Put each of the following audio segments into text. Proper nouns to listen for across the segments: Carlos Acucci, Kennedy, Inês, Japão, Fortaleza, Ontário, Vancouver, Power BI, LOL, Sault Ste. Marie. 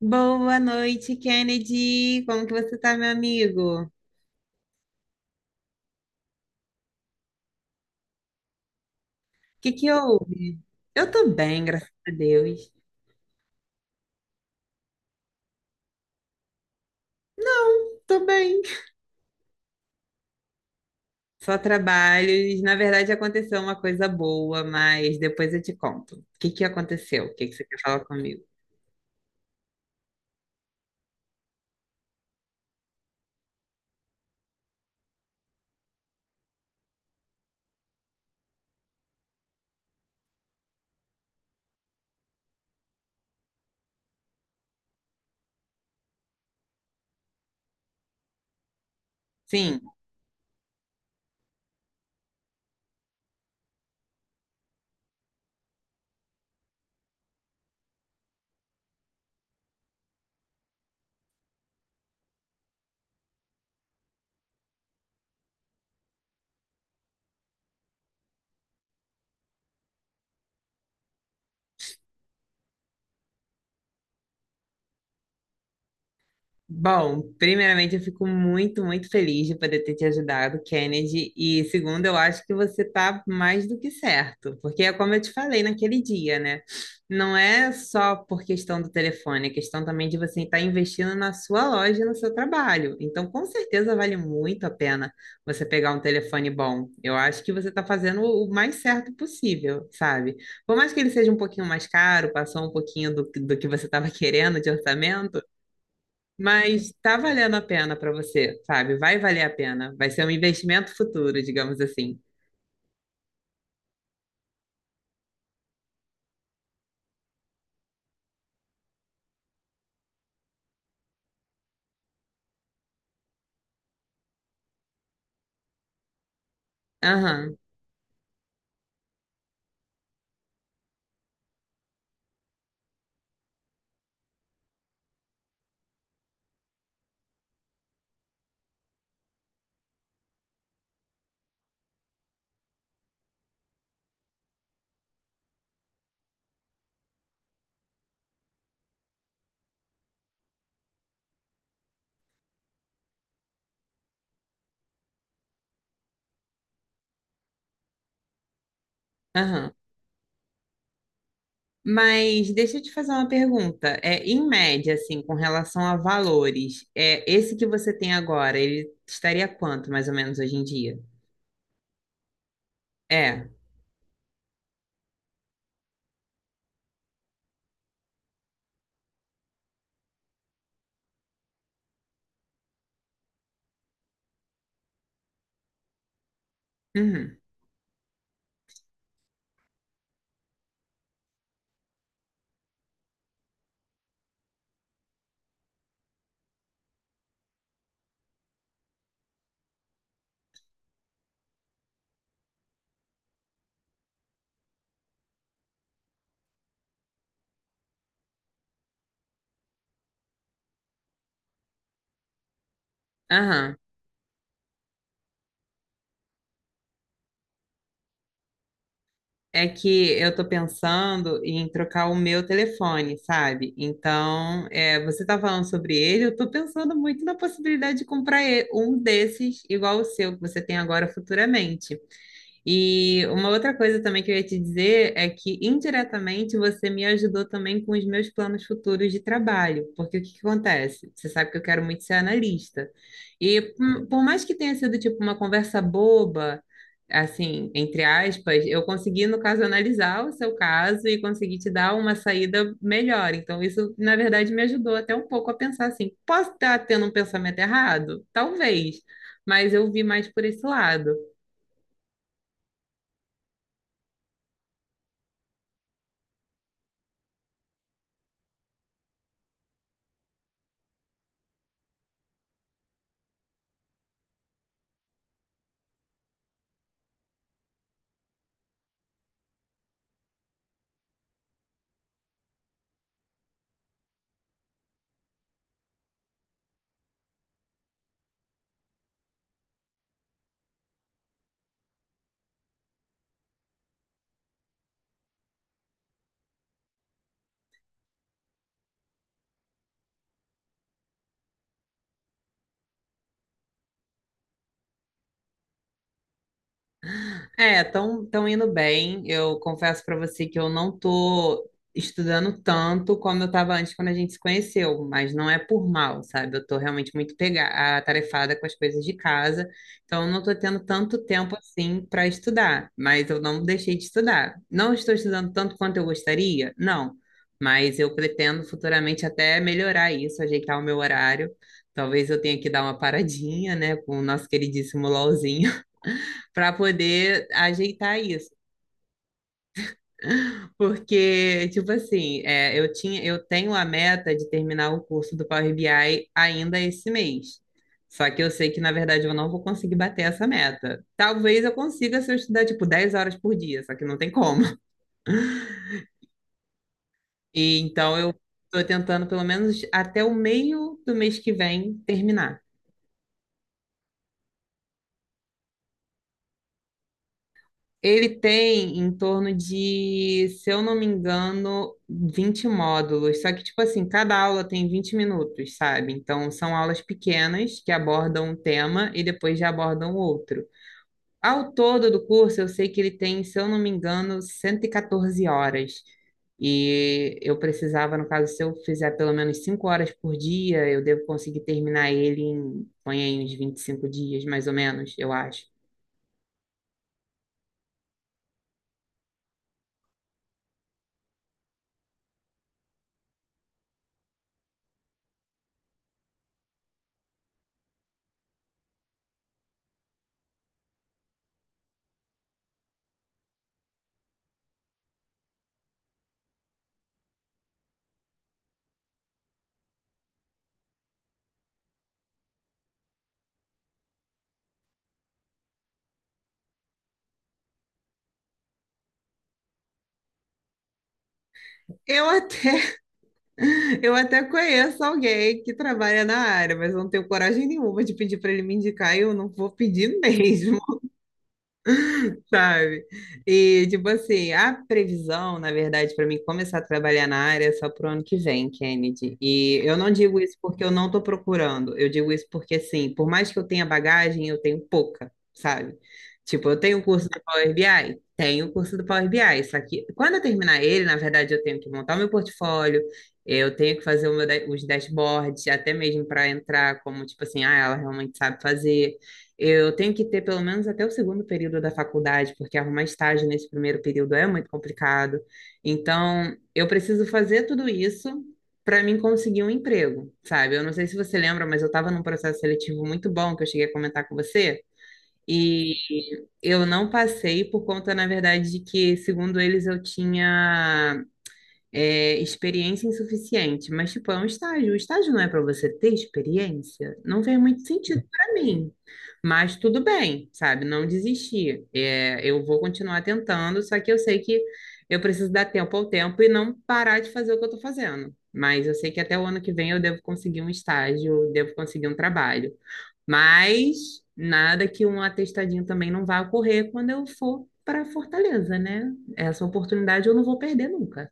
Boa noite, Kennedy. Como que você tá, meu amigo? O que que houve? Eu tô bem, graças a Deus. Não, tô bem. Só trabalhos. Na verdade, aconteceu uma coisa boa, mas depois eu te conto. O que que aconteceu? O que que você quer falar comigo? Sim. Bom, primeiramente eu fico muito, muito feliz de poder ter te ajudado, Kennedy. E segundo, eu acho que você tá mais do que certo, porque é como eu te falei naquele dia, né? Não é só por questão do telefone, é questão também de você estar investindo na sua loja, e no seu trabalho. Então, com certeza vale muito a pena você pegar um telefone bom. Eu acho que você está fazendo o mais certo possível, sabe? Por mais que ele seja um pouquinho mais caro, passou um pouquinho do que você estava querendo de orçamento. Mas tá valendo a pena para você, sabe? Vai valer a pena. Vai ser um investimento futuro, digamos assim. Aham, aham. Mas deixa eu te fazer uma pergunta. É, em média, assim, com relação a valores, é esse que você tem agora, ele estaria quanto, mais ou menos, hoje em dia? É. Uhum. Aham. É que eu tô pensando em trocar o meu telefone, sabe? Então, é, você tá falando sobre ele, eu tô pensando muito na possibilidade de comprar um desses igual o seu que você tem agora futuramente. E uma outra coisa também que eu ia te dizer é que indiretamente você me ajudou também com os meus planos futuros de trabalho, porque o que que acontece? Você sabe que eu quero muito ser analista. E por mais que tenha sido tipo uma conversa boba, assim, entre aspas, eu consegui, no caso, analisar o seu caso e consegui te dar uma saída melhor. Então, isso, na verdade, me ajudou até um pouco a pensar assim, posso estar tendo um pensamento errado? Talvez, mas eu vi mais por esse lado. É, tão indo bem. Eu confesso para você que eu não tô estudando tanto como eu estava antes quando a gente se conheceu, mas não é por mal, sabe? Eu tô realmente muito atarefada com as coisas de casa, então eu não tô tendo tanto tempo assim para estudar, mas eu não deixei de estudar. Não estou estudando tanto quanto eu gostaria? Não, mas eu pretendo futuramente até melhorar isso, ajeitar o meu horário. Talvez eu tenha que dar uma paradinha, né, com o nosso queridíssimo LOLzinho para poder ajeitar isso. Porque, tipo assim, é, eu tinha, eu tenho a meta de terminar o curso do Power BI ainda esse mês. Só que eu sei que, na verdade, eu não vou conseguir bater essa meta. Talvez eu consiga se eu estudar, tipo, 10 horas por dia, só que não tem como. E, então, eu estou tentando, pelo menos, até o meio do mês que vem terminar. Ele tem em torno de, se eu não me engano, 20 módulos. Só que, tipo assim, cada aula tem 20 minutos, sabe? Então, são aulas pequenas que abordam um tema e depois já abordam outro. Ao todo do curso, eu sei que ele tem, se eu não me engano, 114 horas. E eu precisava, no caso, se eu fizer pelo menos 5 horas por dia, eu devo conseguir terminar ele em, põe aí, uns 25 dias, mais ou menos, eu acho. Eu até Eu até conheço alguém que trabalha na área, mas eu não tenho coragem nenhuma de pedir para ele me indicar e eu não vou pedir mesmo, sabe? E, tipo assim, a previsão, na verdade, para mim começar a trabalhar na área é só pro ano que vem, Kennedy. E eu não digo isso porque eu não tô procurando, eu digo isso porque, assim, por mais que eu tenha bagagem, eu tenho pouca, sabe? Tipo, eu tenho o curso do Power BI? Tenho o curso do Power BI, só que quando eu terminar ele, na verdade, eu tenho que montar o meu portfólio, eu tenho que fazer o meu os dashboards, até mesmo para entrar como, tipo assim, ah, ela realmente sabe fazer. Eu tenho que ter pelo menos até o segundo período da faculdade, porque arrumar estágio nesse primeiro período é muito complicado. Então, eu preciso fazer tudo isso para mim conseguir um emprego, sabe? Eu não sei se você lembra, mas eu estava num processo seletivo muito bom que eu cheguei a comentar com você. E eu não passei por conta, na verdade, de que, segundo eles, eu tinha é, experiência insuficiente, mas tipo, é um estágio. O estágio não é para você ter experiência, não fez muito sentido para mim. Mas tudo bem, sabe? Não desisti. É, eu vou continuar tentando, só que eu sei que eu preciso dar tempo ao tempo e não parar de fazer o que eu estou fazendo. Mas eu sei que até o ano que vem eu devo conseguir um estágio, devo conseguir um trabalho. Mas nada que um atestadinho também não vá ocorrer quando eu for para Fortaleza, né? Essa oportunidade eu não vou perder nunca.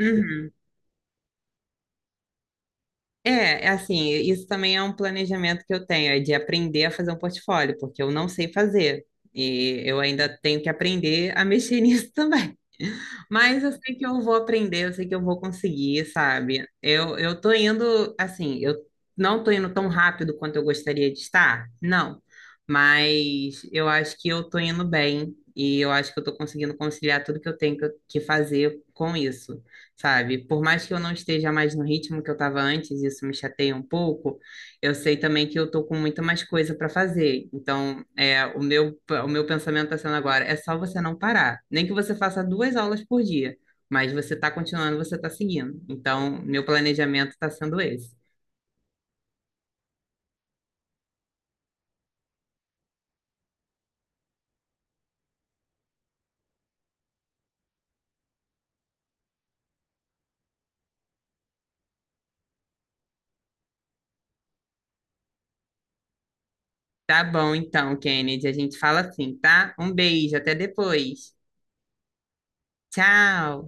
Uhum. É, é assim, isso também é um planejamento que eu tenho, é de aprender a fazer um portfólio, porque eu não sei fazer. E eu ainda tenho que aprender a mexer nisso também. Mas eu sei que eu vou aprender, eu sei que eu vou conseguir, sabe? Eu tô indo, assim, eu não tô indo tão rápido quanto eu gostaria de estar, não. Mas eu acho que eu tô indo bem e eu acho que eu tô conseguindo conciliar tudo que eu tenho que fazer com isso, sabe? Por mais que eu não esteja mais no ritmo que eu tava antes, isso me chateia um pouco, eu sei também que eu tô com muita mais coisa para fazer. Então, é, o meu pensamento tá sendo agora, é só você não parar. Nem que você faça duas aulas por dia, mas você tá continuando, você tá seguindo. Então, meu planejamento tá sendo esse. Tá bom, então, Kennedy, a gente fala assim, tá? Um beijo, até depois. Tchau!